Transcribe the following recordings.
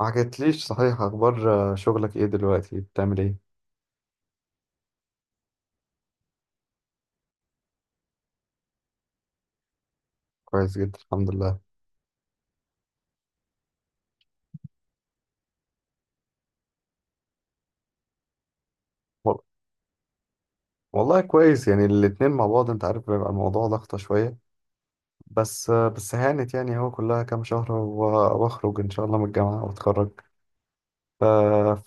ما حكيتليش صحيح اخبار، شغلك ايه دلوقتي؟ بتعمل ايه؟ كويس جدا، الحمد لله. وال- والله كويس، يعني الاتنين مع بعض انت عارف بيبقى الموضوع ضغطة شوية. بس هانت يعني، هو كلها كام شهر واخرج ان شاء الله من الجامعة واتخرج. ف-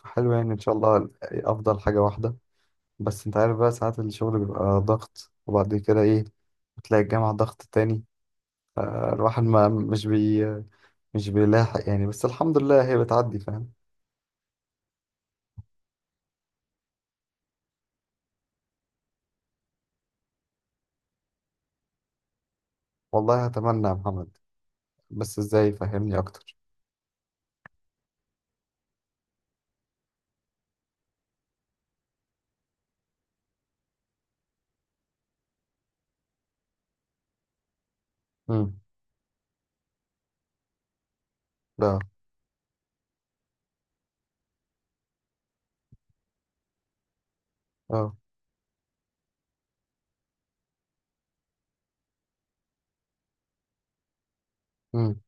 فحلو يعني، ان شاء الله افضل حاجة واحدة. بس انت عارف بقى ساعات الشغل بيبقى ضغط، وبعد كده ايه؟ بتلاقي الجامعة ضغط تاني. الواحد ما مش بي مش بيلاحق يعني، بس الحمد لله هي بتعدي. فاهم؟ والله اتمنى يا محمد، بس ازاي؟ فهمني اكتر. امم لا. اه. امم.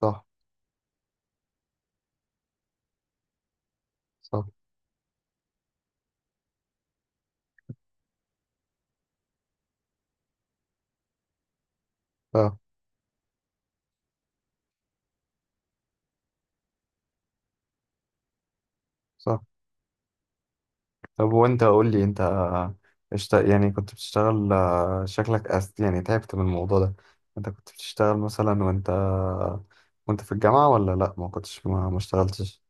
صح. صح. اه. صح. طب وانت قول لي انت، يعني كنت بتشتغل؟ شكلك يعني تعبت من الموضوع ده. انت كنت بتشتغل مثلا وانت في الجامعة ولا لا؟ ما كنتش، ما اشتغلتش.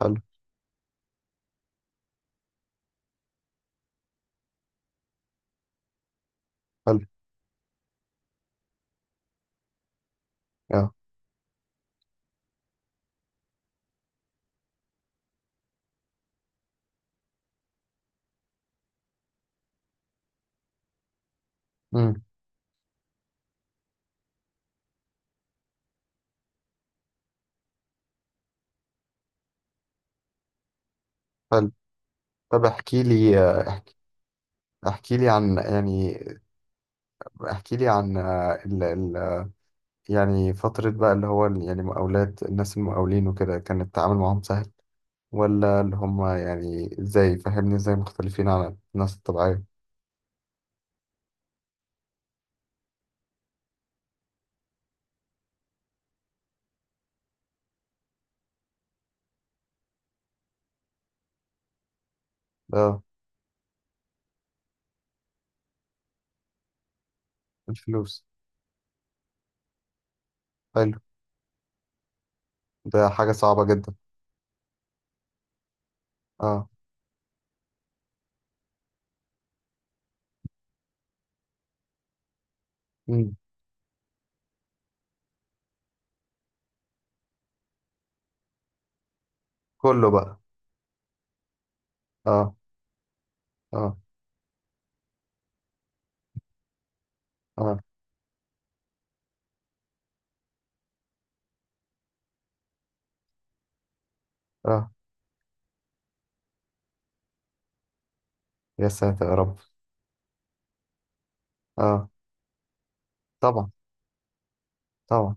حلو. حلو. اه. امم. حلو. طب احكي لي، احكي لي عن يعني، احكي لي عن يعني فترة بقى اللي هو يعني مقاولات، الناس المقاولين وكده، كان التعامل معاهم سهل ولا اللي هم يعني؟ ازاي فهمني؟ ازاي مختلفين عن الناس الطبيعية؟ اه. الفلوس. حلو. ده حاجة صعبة جدا. اه. مم. كله بقى. اه. اه. اه. اه. يا ساتر يا رب. اه طبعا. طبعا.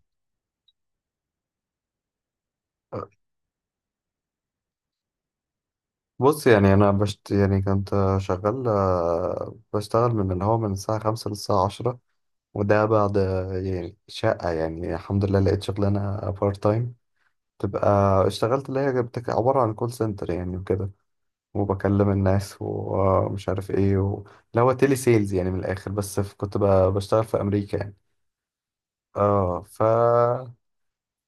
آه، بص يعني، انا بشت يعني كنت شغال، بشتغل من اللي هو من الساعة خمسة للساعة عشرة. وده بعد يعني شقة، يعني الحمد لله لقيت شغلانة بارت تايم تبقى. اشتغلت اللي هي عبارة عن كول سنتر يعني وكده، وبكلم الناس ومش عارف ايه لا، هو تيلي سيلز يعني من الاخر، بس كنت بشتغل في امريكا يعني. اه ف...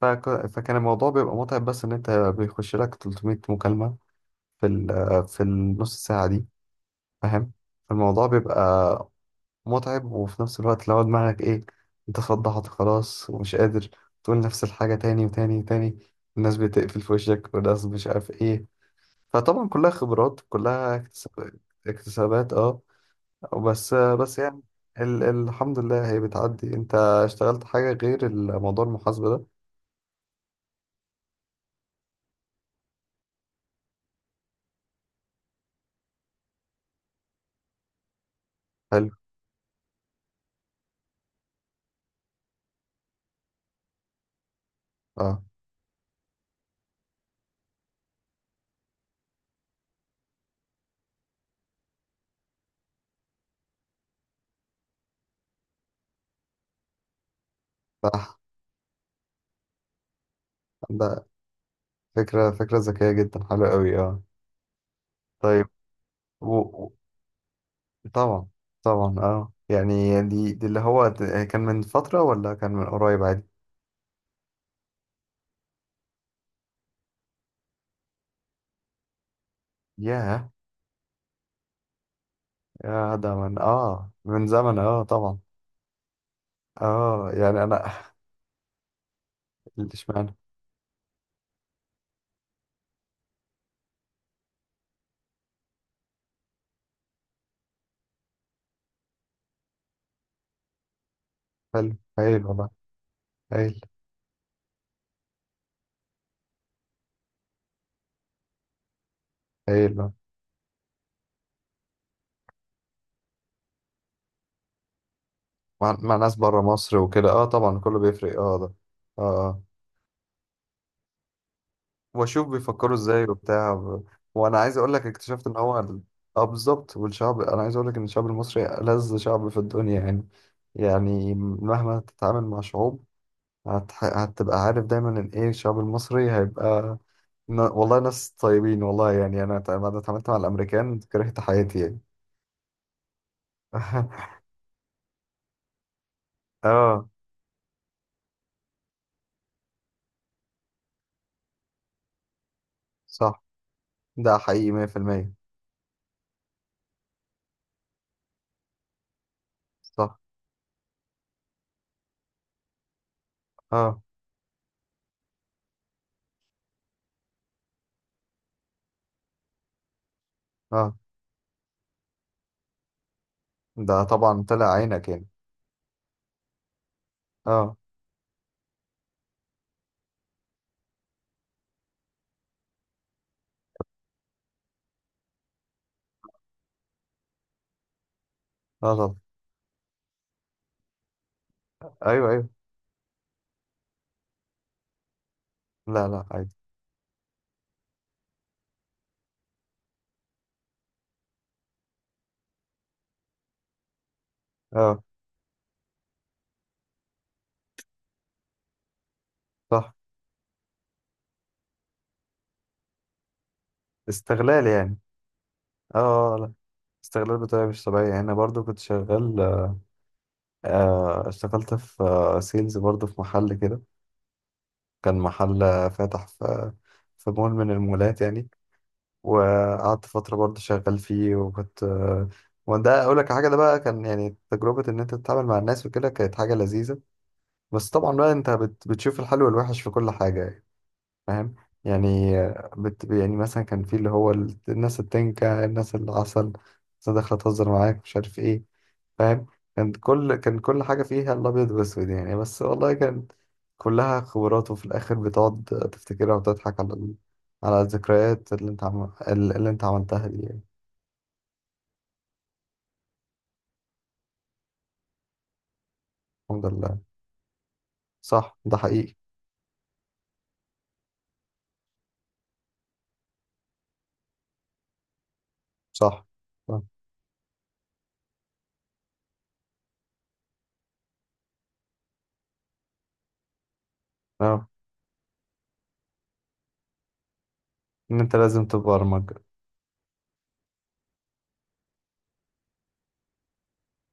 فك... فكان الموضوع بيبقى متعب، بس ان انت بيخش لك 300 مكالمة في ال... في النص ساعة دي، فاهم؟ الموضوع بيبقى متعب، وفي نفس الوقت لو دماغك ايه، انت فضحت خلاص ومش قادر تقول نفس الحاجة تاني وتاني وتاني، الناس بتقفل في وشك والناس مش عارف ايه. فطبعا كلها خبرات، كلها اكتسابات. اه، بس بس يعني، الحمد لله هي بتعدي. انت اشتغلت حاجة غير الموضوع المحاسبة ده؟ حلو. اه. صح. ده فكرة، فكرة ذكية جدا، حلوة قوي. اه. طيب. و... و- طبعا. طبعا اه، يعني دي اللي هو كان من فترة ولا كان من قريب عادي؟ ياه. يا ده من اه، من زمن اه طبعا. اه يعني انا اشمعنى. حلو، هايل والله. هايل. هايل آه. مع ناس بره مصر وكده، اه طبعا كله بيفرق. اه ده. اه اه. واشوف بيفكروا ازاي وبتاع وانا عايز اقول لك، اكتشفت ان هو اه بالظبط. والشعب، انا عايز اقول لك ان الشعب المصري ألذ شعب في الدنيا يعني. يعني مهما تتعامل مع شعوب، هتبقى عارف دايما ان ايه، الشعب المصري هيبقى والله ناس طيبين، والله يعني انا أنا اتعاملت مع الامريكان كرهت حياتي يعني. اه صح. ده حقيقي 100%. صح. اه اه، ده طبعا طلع عينك يعني. اه. اه طبعا. ايوه ايوه. لا لا، عادي. اه. صح. استغلال يعني. اه. لا، استغلال بطريقة مش طبيعية يعني. أنا برضو كنت شغال، آه اشتغلت في آه سيلز برضو، في محل كده، كان محل فاتح في في مول من المولات يعني، وقعدت فترة برضو شغال فيه وكنت آه. وده أقول لك حاجة، ده بقى كان يعني تجربة إن أنت تتعامل مع الناس وكده، كانت حاجة لذيذة. بس طبعا بقى أنت بتشوف الحلو والوحش في كل حاجة يعني. فاهم؟ يعني يعني مثلا كان في اللي هو الناس التنكة، الناس العسل، الناس داخلة تهزر معاك، مش عارف ايه. فاهم؟ كان كل حاجة فيها الأبيض والأسود يعني، بس والله كان كلها خبرات، وفي الآخر بتقعد تفتكرها وتضحك على على الذكريات اللي انت اللي انت عملتها دي يعني. الحمد لله. صح. ده حقيقي. صح. صح. اه ان انت لازم تبرمج.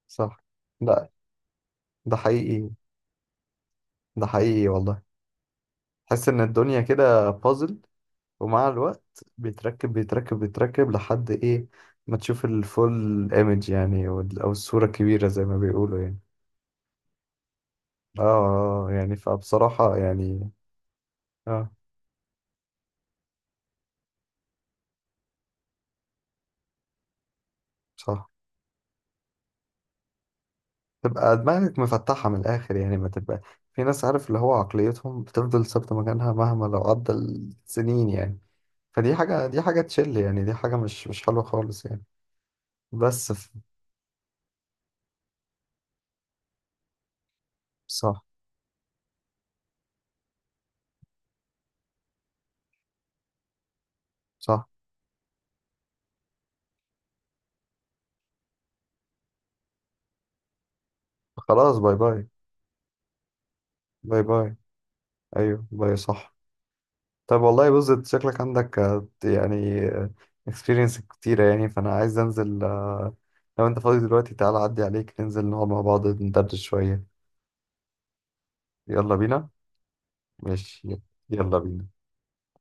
صح. لا، ده حقيقي. ده حقيقي والله. تحس ان الدنيا كده بازل، ومع الوقت بيتركب بيتركب بيتركب لحد ايه، ما تشوف الفول ايمج يعني، او الصورة الكبيرة زي ما بيقولوا يعني. اه. يعني فبصراحة يعني. اه. صح. تبقى دماغك مفتحة من الآخر يعني، ما تبقى في ناس عارف اللي هو عقليتهم بتفضل ثابتة مكانها مهما لو عدى السنين يعني. فدي حاجة، دي حاجة تشل يعني، دي حاجة مش مش حلوة خالص يعني. بس صح. صح. خلاص باي باي. باي باي. ايوه باي. صح. طب والله بص، انت شكلك عندك يعني اكسبيرينس كتيرة يعني، فأنا عايز أنزل آه، لو أنت فاضي دلوقتي تعالى أعدي عليك، ننزل نقعد مع بعض ندردش شوية. يلا بينا. ماشي. يلا بينا.